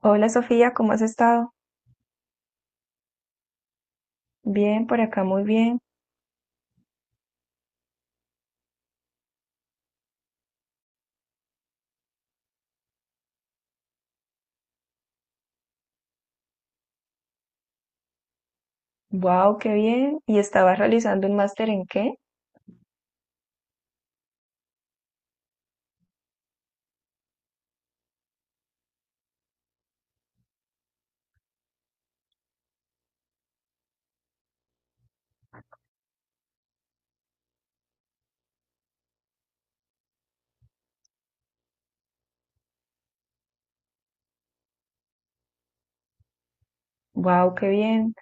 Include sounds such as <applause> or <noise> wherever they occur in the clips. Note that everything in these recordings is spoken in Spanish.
Hola Sofía, ¿cómo has estado? Bien, por acá muy bien. Wow, qué bien. ¿Y estabas realizando un máster en qué? Wow, qué bien.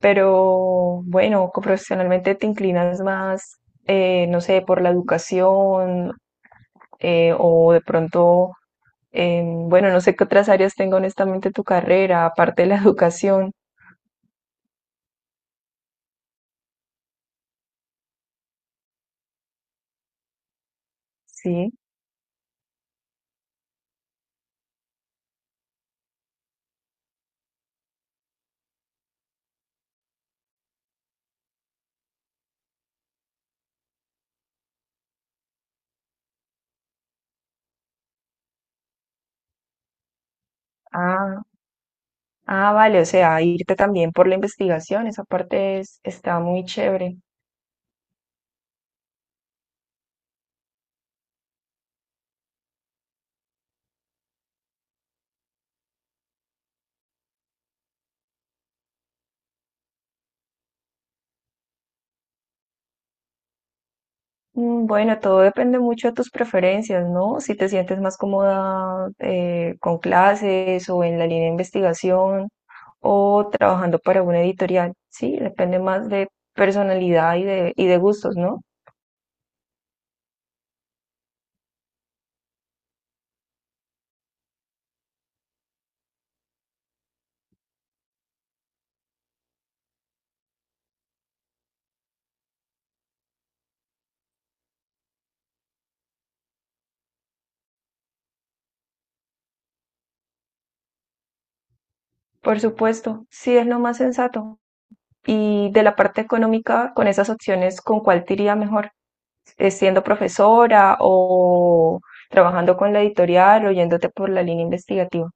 Pero bueno, profesionalmente te inclinas más, no sé, por la educación, o de pronto, bueno, no sé qué otras áreas tenga honestamente tu carrera, aparte de la <laughs> educación. Sí. Ah, ah, vale, o sea, irte también por la investigación, esa está muy chévere. Mm, bueno, todo depende mucho de tus preferencias, ¿no? Si te sientes más cómoda con clases o en la línea de investigación o trabajando para una editorial, sí, depende más de personalidad y de gustos, ¿no? Por supuesto, sí es lo más sensato. Y de la parte económica, con esas opciones, ¿con cuál te iría mejor? ¿Siendo profesora o trabajando con la editorial o yéndote por la línea investigativa?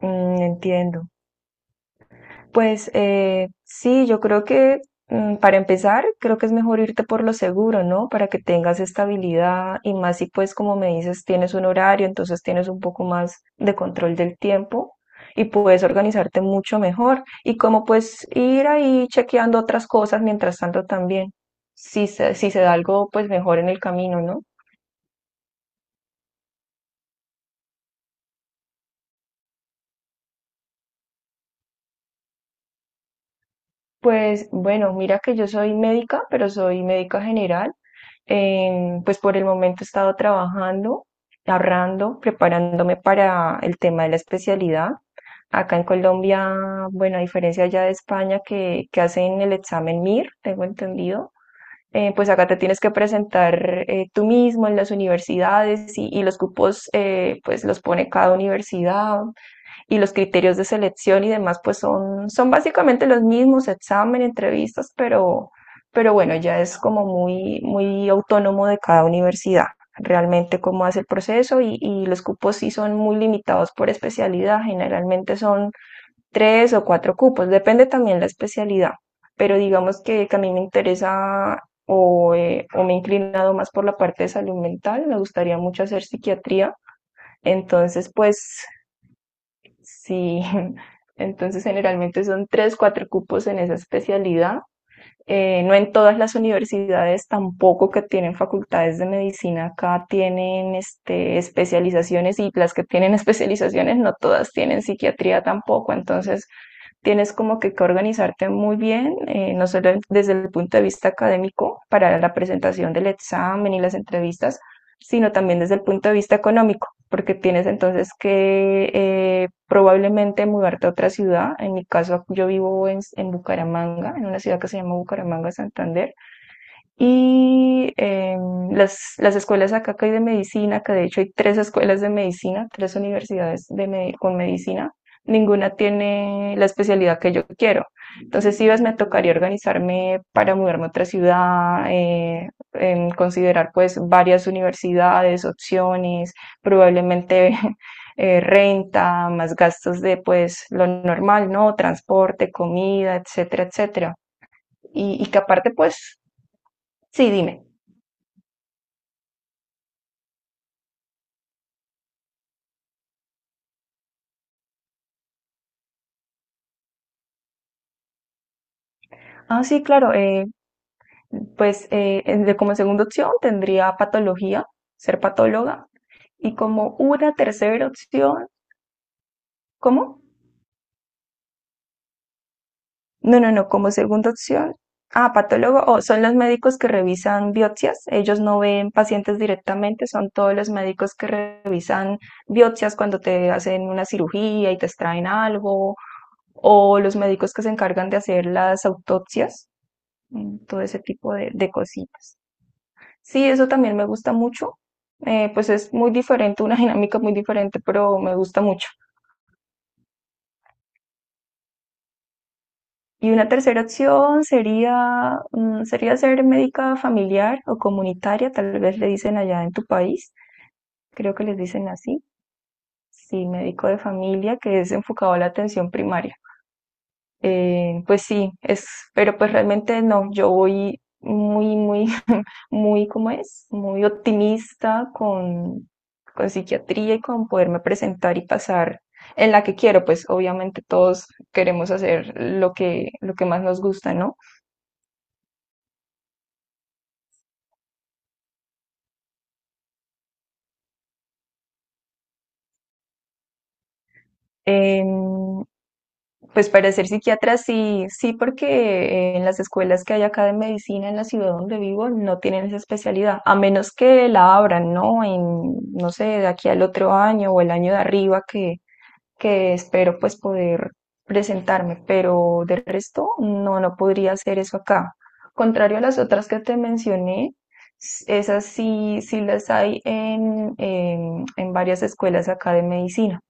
Mm, entiendo. Pues sí, yo creo que para empezar, creo que es mejor irte por lo seguro, ¿no? Para que tengas estabilidad y más si pues como me dices, tienes un horario, entonces tienes un poco más de control del tiempo y puedes organizarte mucho mejor. Y como pues ir ahí chequeando otras cosas mientras tanto también, si se da algo pues mejor en el camino, ¿no? Pues bueno, mira que yo soy médica, pero soy médica general. Pues por el momento he estado trabajando, ahorrando, preparándome para el tema de la especialidad. Acá en Colombia, bueno, a diferencia ya de España que hacen el examen MIR, tengo entendido, pues acá te tienes que presentar tú mismo en las universidades y los cupos pues los pone cada universidad y los criterios de selección y demás, pues son básicamente los mismos, examen, entrevistas, pero bueno, ya es como muy autónomo de cada universidad, realmente cómo hace el proceso y los cupos sí son muy limitados por especialidad, generalmente son tres o cuatro cupos, depende también la especialidad, pero digamos que a mí me interesa o me he inclinado más por la parte de salud mental, me gustaría mucho hacer psiquiatría, entonces pues sí, <laughs> entonces generalmente son tres, cuatro cupos en esa especialidad. No en todas las universidades tampoco que tienen facultades de medicina acá tienen este, especializaciones y las que tienen <laughs> especializaciones no todas tienen psiquiatría tampoco. Entonces tienes como que organizarte muy bien, no solo desde el punto de vista académico para la presentación del examen y las entrevistas, sino también desde el punto de vista económico, porque tienes entonces que probablemente mudarte a otra ciudad. En mi caso, yo vivo en Bucaramanga, en una ciudad que se llama Bucaramanga, Santander. Y las escuelas acá que hay de medicina, que de hecho hay tres escuelas de medicina, tres universidades de con medicina, ninguna tiene la especialidad que yo quiero. Entonces, si ves, me tocaría organizarme para mudarme a otra ciudad, considerar pues varias universidades, opciones, probablemente <laughs> renta, más gastos de pues lo normal, ¿no? Transporte, comida, etcétera, etcétera. Y que aparte pues, sí, dime. Ah, sí, claro. Pues como segunda opción tendría patología, ser patóloga. Y como una tercera opción, ¿cómo? No, no, no, como segunda opción. Ah, patólogo, o son los médicos que revisan biopsias. Ellos no ven pacientes directamente, son todos los médicos que revisan biopsias cuando te hacen una cirugía y te extraen algo, o los médicos que se encargan de hacer las autopsias, mm, todo ese tipo de cositas. Sí, eso también me gusta mucho. Pues es muy diferente, una dinámica muy diferente, pero me gusta mucho. Y una tercera opción sería, mm, sería ser médica familiar o comunitaria, tal vez le dicen allá en tu país, creo que les dicen así. Sí, médico de familia que es enfocado a la atención primaria. Pues sí, es, pero pues realmente no, yo voy muy <laughs> muy, ¿cómo es? Muy optimista con psiquiatría y con poderme presentar y pasar en la que quiero, pues obviamente todos queremos hacer lo que más nos gusta, ¿no? Em, pues para ser psiquiatra sí, sí, porque en las escuelas que hay acá de medicina en la ciudad donde vivo no tienen esa especialidad, a menos que la abran, ¿no? En, no sé, de aquí al otro año o el año de arriba que espero pues poder presentarme, pero de resto no, no podría hacer eso acá. Contrario a las otras que te mencioné, esas sí, sí las hay en varias escuelas acá de medicina.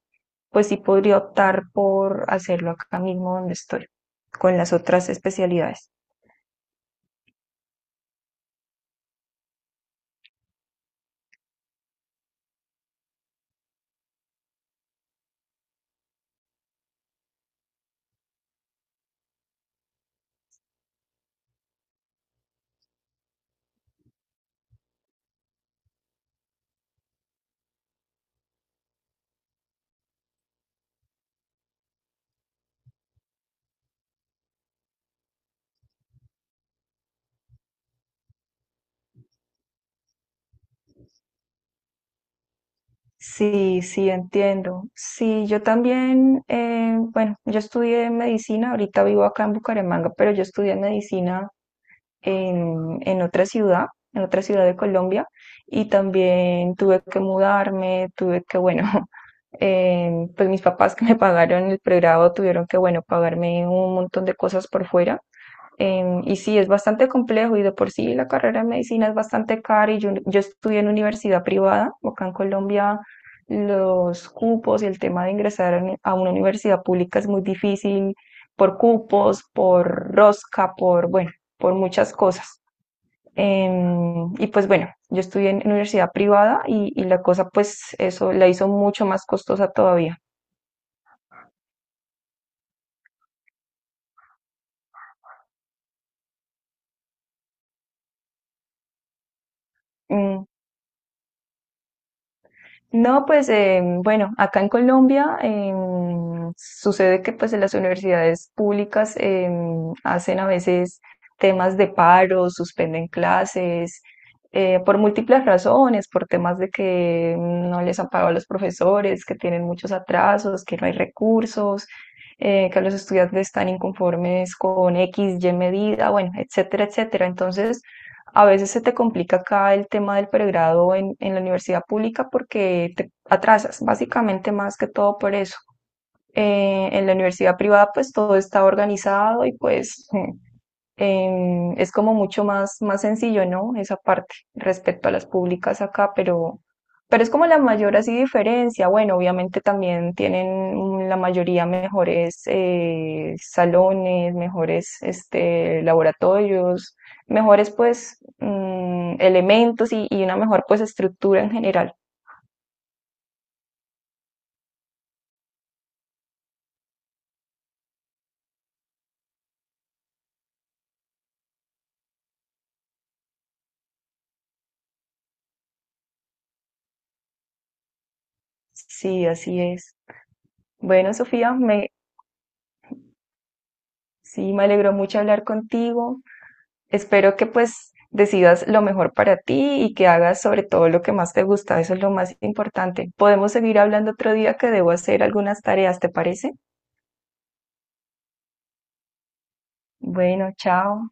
Pues sí podría optar por hacerlo acá mismo donde estoy, con las otras especialidades. Sí, sí, entiendo. Sí, yo también, bueno, yo estudié medicina, ahorita vivo acá en Bucaramanga, pero yo estudié medicina en otra ciudad, en otra ciudad de Colombia, y también tuve que mudarme, tuve que, bueno, <laughs> pues mis papás que me pagaron el pregrado tuvieron que, bueno, pagarme un montón de cosas por fuera. Em, y sí, es bastante complejo y de por sí la carrera de medicina es bastante cara y yo estudié en universidad privada, acá en Colombia los cupos y el tema de ingresar a una universidad pública es muy difícil por cupos, por rosca, por, bueno, por muchas cosas. Em, y pues bueno, yo estudié en universidad privada y la cosa pues eso la hizo mucho más costosa todavía. Mm, no, pues bueno, acá en Colombia sucede que pues en las universidades públicas hacen a veces temas de paro, suspenden clases por múltiples razones, por temas de que no les han pagado a los profesores, que tienen muchos atrasos, que no hay recursos, que los estudiantes están inconformes con X, Y medida, bueno, etcétera, etcétera. Entonces, a veces se te complica acá el tema del pregrado en la universidad pública porque te atrasas, básicamente más que todo por eso. En la universidad privada pues todo está organizado y pues <laughs> em, es como mucho más sencillo, ¿no? Esa parte respecto a las públicas acá, pero es como la mayor así diferencia. Bueno, obviamente también tienen mm, la mayoría mejores salones, mejores este, laboratorios, mejores pues mm, elementos y una mejor pues estructura en general. Sí, así es. Bueno, Sofía, me, sí, me alegró mucho hablar contigo. Espero que pues decidas lo mejor para ti y que hagas sobre todo lo que más te gusta. Eso es lo más importante. Podemos seguir hablando otro día que debo hacer algunas tareas, ¿te parece? Bueno, chao.